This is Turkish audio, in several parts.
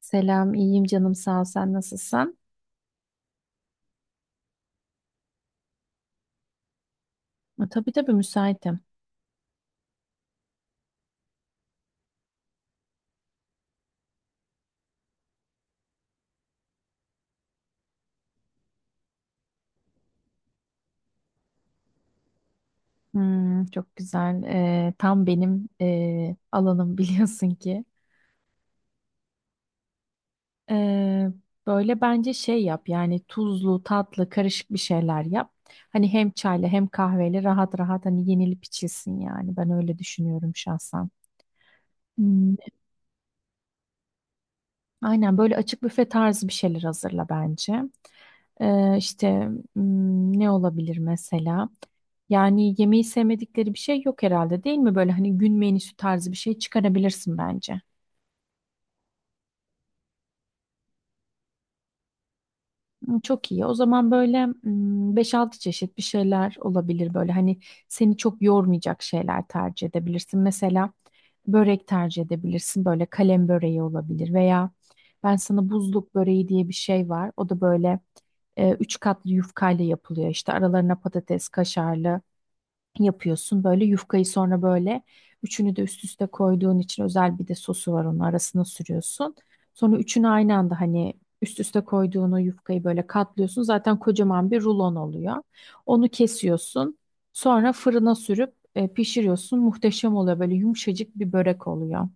Selam, iyiyim canım sağ ol. Sen nasılsın? Tabii tabii müsaitim. Hmm, çok güzel. Tam benim alanım biliyorsun ki. E, böyle bence şey yap yani tuzlu, tatlı, karışık bir şeyler yap. Hani hem çayla hem kahveyle rahat rahat hani yenilip içilsin yani. Ben öyle düşünüyorum şahsen. Hmm, aynen böyle açık büfe tarzı bir şeyler hazırla bence. İşte ne olabilir mesela? Yani yemeği sevmedikleri bir şey yok herhalde değil mi? Böyle hani gün menüsü tarzı bir şey çıkarabilirsin bence. Hı, çok iyi. O zaman böyle 5-6 çeşit bir şeyler olabilir böyle. Hani seni çok yormayacak şeyler tercih edebilirsin. Mesela börek tercih edebilirsin. Böyle kalem böreği olabilir veya ben sana buzluk böreği diye bir şey var. O da böyle üç katlı yufkayla yapılıyor. İşte aralarına patates, kaşarlı yapıyorsun. Böyle yufkayı sonra böyle üçünü de üst üste koyduğun için özel bir de sosu var onun arasına sürüyorsun. Sonra üçünü aynı anda hani üst üste koyduğun o yufkayı böyle katlıyorsun. Zaten kocaman bir rulon oluyor. Onu kesiyorsun. Sonra fırına sürüp pişiriyorsun. Muhteşem oluyor. Böyle yumuşacık bir börek oluyor.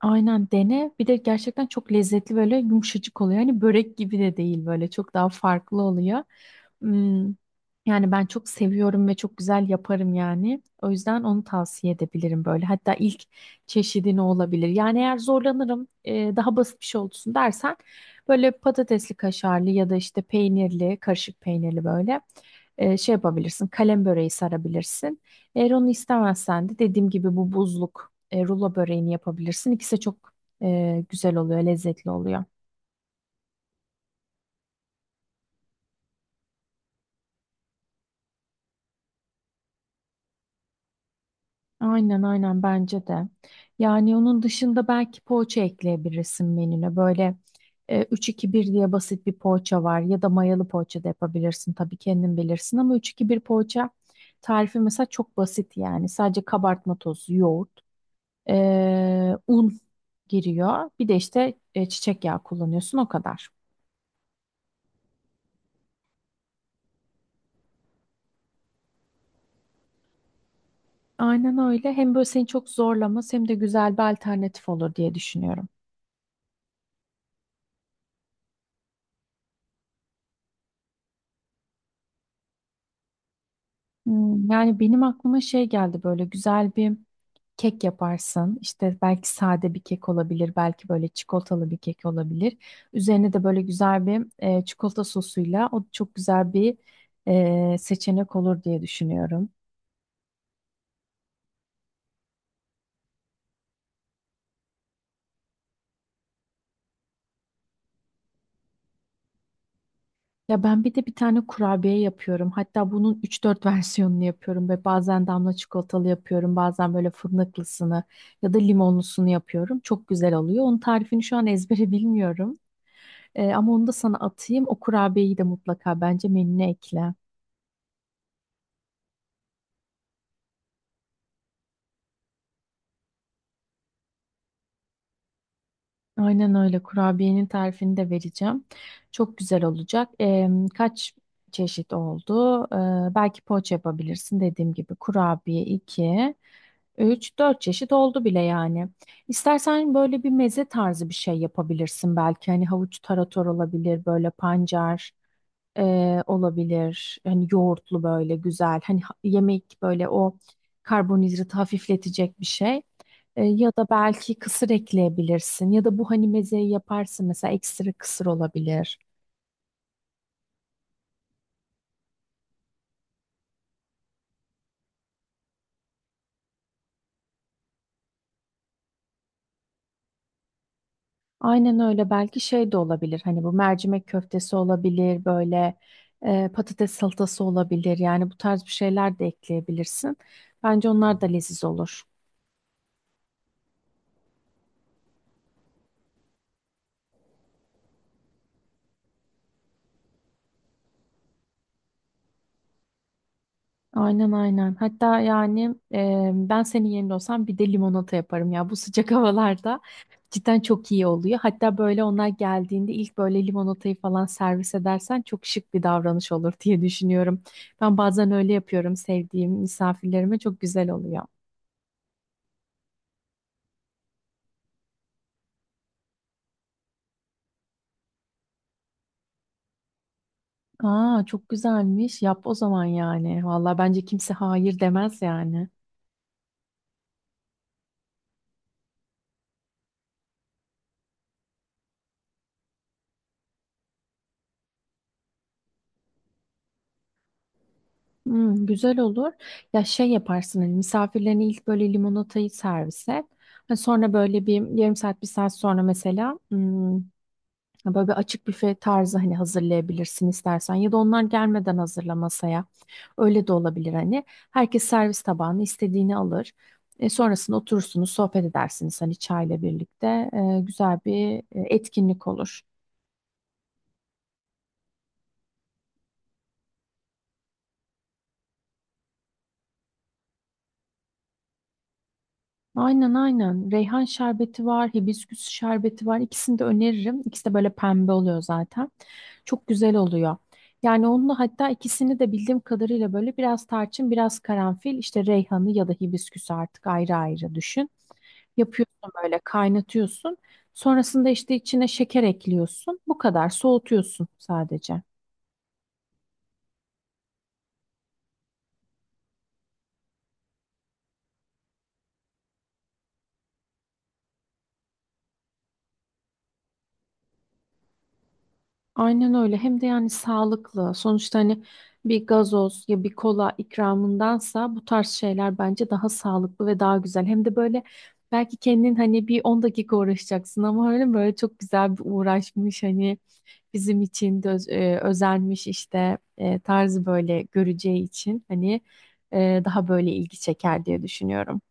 Aynen dene. Bir de gerçekten çok lezzetli böyle yumuşacık oluyor. Hani börek gibi de değil böyle çok daha farklı oluyor. Hmm, Yani ben çok seviyorum ve çok güzel yaparım yani. O yüzden onu tavsiye edebilirim böyle. Hatta ilk çeşidini olabilir. Yani eğer zorlanırım daha basit bir şey olsun dersen böyle patatesli kaşarlı ya da işte peynirli, karışık peynirli böyle şey yapabilirsin. Kalem böreği sarabilirsin. Eğer onu istemezsen de dediğim gibi bu buzluk rulo böreğini yapabilirsin. İkisi de çok güzel oluyor, lezzetli oluyor. Aynen aynen bence de. Yani onun dışında belki poğaça ekleyebilirsin menüne. Böyle 3-2-1 diye basit bir poğaça var ya da mayalı poğaça da yapabilirsin. Tabii kendin bilirsin ama üç iki bir poğaça tarifi mesela çok basit yani. Sadece kabartma tozu, yoğurt, un giriyor. Bir de işte çiçek yağı kullanıyorsun o kadar. Aynen öyle. Hem böyle seni çok zorlamaz hem de güzel bir alternatif olur diye düşünüyorum. Yani benim aklıma şey geldi böyle güzel bir kek yaparsın. İşte belki sade bir kek olabilir, belki böyle çikolatalı bir kek olabilir. Üzerine de böyle güzel bir çikolata sosuyla o çok güzel bir seçenek olur diye düşünüyorum. Ya ben bir de bir tane kurabiye yapıyorum. Hatta bunun üç dört versiyonunu yapıyorum ve bazen damla çikolatalı yapıyorum. Bazen böyle fındıklısını ya da limonlusunu yapıyorum. Çok güzel oluyor. Onun tarifini şu an ezbere bilmiyorum. Ama onu da sana atayım. O kurabiyeyi de mutlaka bence menüne ekle. Aynen öyle. Kurabiyenin tarifini de vereceğim. Çok güzel olacak. Kaç çeşit oldu? Belki poğaça yapabilirsin dediğim gibi. Kurabiye 2, 3, 4 çeşit oldu bile yani. İstersen böyle bir meze tarzı bir şey yapabilirsin belki. Hani havuç tarator olabilir, böyle pancar olabilir. Hani yoğurtlu böyle güzel. Hani yemek böyle o karbonhidratı hafifletecek bir şey. Ya da belki kısır ekleyebilirsin. Ya da bu hani mezeyi yaparsın mesela ekstra kısır olabilir. Aynen öyle belki şey de olabilir. Hani bu mercimek köftesi olabilir böyle patates salatası olabilir. Yani bu tarz bir şeyler de ekleyebilirsin. Bence onlar da leziz olur. Aynen aynen. Hatta yani ben senin yerinde olsam bir de limonata yaparım ya. Bu sıcak havalarda cidden çok iyi oluyor. Hatta böyle onlar geldiğinde ilk böyle limonatayı falan servis edersen çok şık bir davranış olur diye düşünüyorum. Ben bazen öyle yapıyorum sevdiğim misafirlerime çok güzel oluyor. Aa çok güzelmiş. Yap o zaman yani. Vallahi bence kimse hayır demez yani. Güzel olur. Ya şey yaparsın hani misafirlerine ilk böyle limonatayı servis et. Hani sonra böyle bir yarım saat bir saat sonra mesela böyle bir açık büfe tarzı hani hazırlayabilirsin istersen. Ya da onlar gelmeden hazırla masaya. Öyle de olabilir hani. Herkes servis tabağını istediğini alır. Sonrasında oturursunuz sohbet edersiniz hani çayla birlikte. Güzel bir etkinlik olur. Aynen aynen. Reyhan şerbeti var, hibisküs şerbeti var. İkisini de öneririm. İkisi de böyle pembe oluyor zaten. Çok güzel oluyor. Yani onunla hatta ikisini de bildiğim kadarıyla böyle biraz tarçın, biraz karanfil, işte reyhanı ya da hibisküsü artık ayrı ayrı düşün. Yapıyorsun böyle kaynatıyorsun. Sonrasında işte içine şeker ekliyorsun. Bu kadar soğutuyorsun sadece. Aynen öyle. Hem de yani sağlıklı. Sonuçta hani bir gazoz ya bir kola ikramındansa bu tarz şeyler bence daha sağlıklı ve daha güzel. Hem de böyle belki kendin hani bir 10 dakika uğraşacaksın ama öyle böyle çok güzel bir uğraşmış hani bizim için de özenmiş işte tarzı böyle göreceği için hani daha böyle ilgi çeker diye düşünüyorum.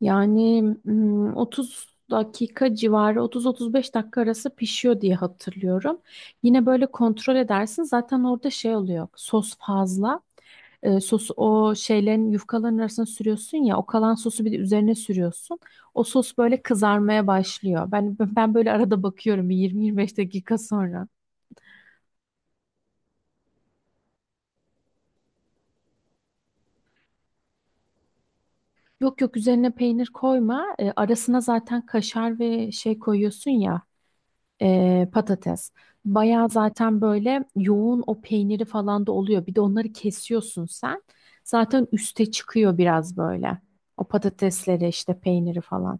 Yani 30 dakika civarı 30-35 dakika arası pişiyor diye hatırlıyorum. Yine böyle kontrol edersin. Zaten orada şey oluyor. Sos fazla. Sosu o şeylerin yufkaların arasına sürüyorsun ya. O kalan sosu bir de üzerine sürüyorsun. O sos böyle kızarmaya başlıyor. Ben böyle arada bakıyorum bir 20-25 dakika sonra. Yok yok üzerine peynir koyma. Arasına zaten kaşar ve şey koyuyorsun ya. Patates. Bayağı zaten böyle yoğun o peyniri falan da oluyor. Bir de onları kesiyorsun sen. Zaten üste çıkıyor biraz böyle. O patatesleri işte peyniri falan.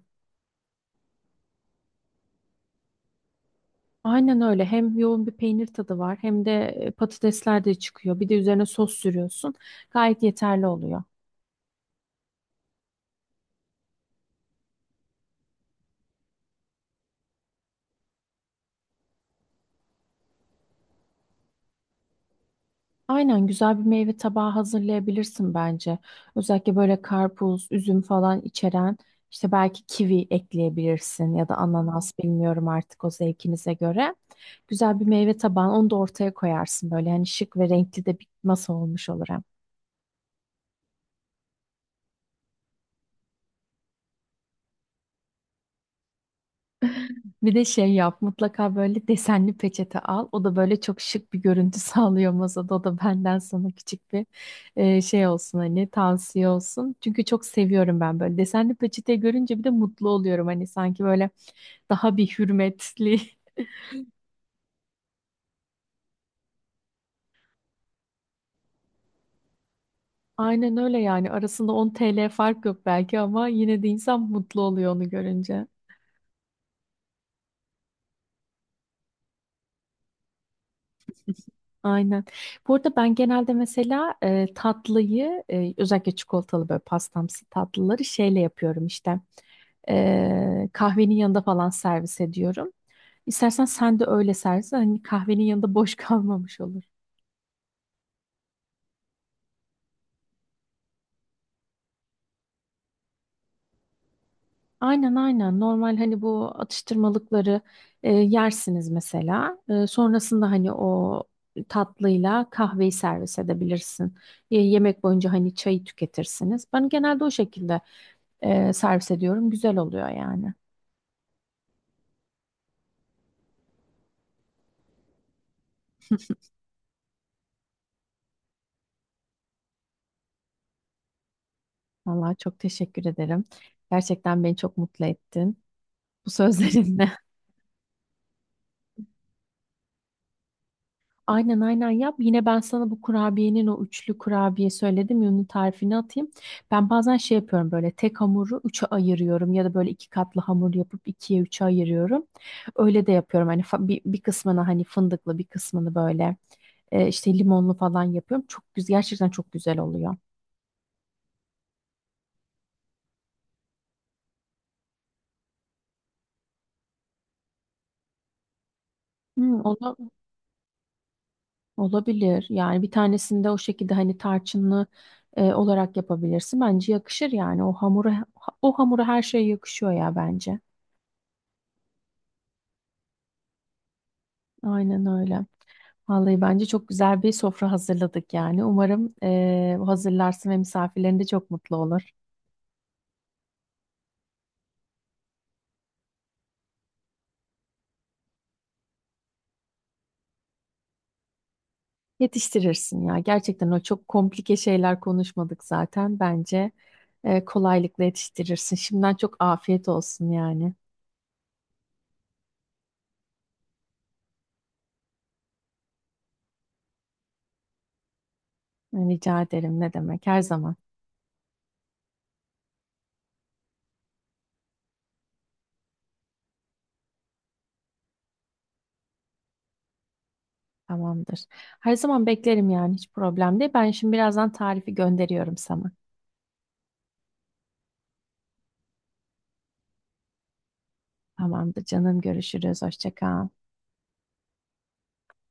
Aynen öyle. Hem yoğun bir peynir tadı var hem de patatesler de çıkıyor. Bir de üzerine sos sürüyorsun. Gayet yeterli oluyor. Aynen güzel bir meyve tabağı hazırlayabilirsin bence. Özellikle böyle karpuz, üzüm falan içeren işte belki kivi ekleyebilirsin ya da ananas bilmiyorum artık o zevkinize göre. Güzel bir meyve tabağı onu da ortaya koyarsın böyle hani şık ve renkli de bir masa olmuş olur hem. Bir de şey yap mutlaka böyle desenli peçete al. O da böyle çok şık bir görüntü sağlıyor masada. O da benden sana küçük bir şey olsun hani tavsiye olsun. Çünkü çok seviyorum ben böyle desenli peçete görünce bir de mutlu oluyorum. Hani sanki böyle daha bir hürmetli. Aynen öyle yani arasında 10 TL fark yok belki ama yine de insan mutlu oluyor onu görünce. Aynen. Bu arada ben genelde mesela tatlıyı özellikle çikolatalı böyle pastamsı tatlıları şeyle yapıyorum işte. Kahvenin yanında falan servis ediyorum. İstersen sen de öyle servis et. Hani kahvenin yanında boş kalmamış olur. Aynen aynen. Normal hani bu atıştırmalıkları yersiniz mesela. Sonrasında hani o tatlıyla kahveyi servis edebilirsin. Yemek boyunca hani çayı tüketirsiniz. Ben genelde o şekilde servis ediyorum. Güzel oluyor yani. Vallahi çok teşekkür ederim. Gerçekten beni çok mutlu ettin bu sözlerinle. Aynen aynen yap. Yine ben sana bu kurabiyenin o üçlü kurabiye söyledim ya onun tarifini atayım. Ben bazen şey yapıyorum böyle tek hamuru üçe ayırıyorum ya da böyle iki katlı hamur yapıp ikiye üçe ayırıyorum. Öyle de yapıyorum hani bir kısmını hani fındıklı bir kısmını böyle işte limonlu falan yapıyorum. Çok güzel gerçekten çok güzel oluyor. Hmm, onu Olabilir. Yani bir tanesinde o şekilde hani tarçınlı olarak yapabilirsin. Bence yakışır yani. O hamura her şey yakışıyor ya bence. Aynen öyle. Vallahi bence çok güzel bir sofra hazırladık yani. Umarım hazırlarsın ve misafirlerin de çok mutlu olur. Yetiştirirsin ya. Gerçekten o çok komplike şeyler konuşmadık zaten. Bence kolaylıkla yetiştirirsin. Şimdiden çok afiyet olsun yani. Rica ederim. Ne demek? Her zaman. Tamamdır. Her zaman beklerim yani hiç problem değil. Ben şimdi birazdan tarifi gönderiyorum sana. Tamamdır canım görüşürüz. Hoşça kal.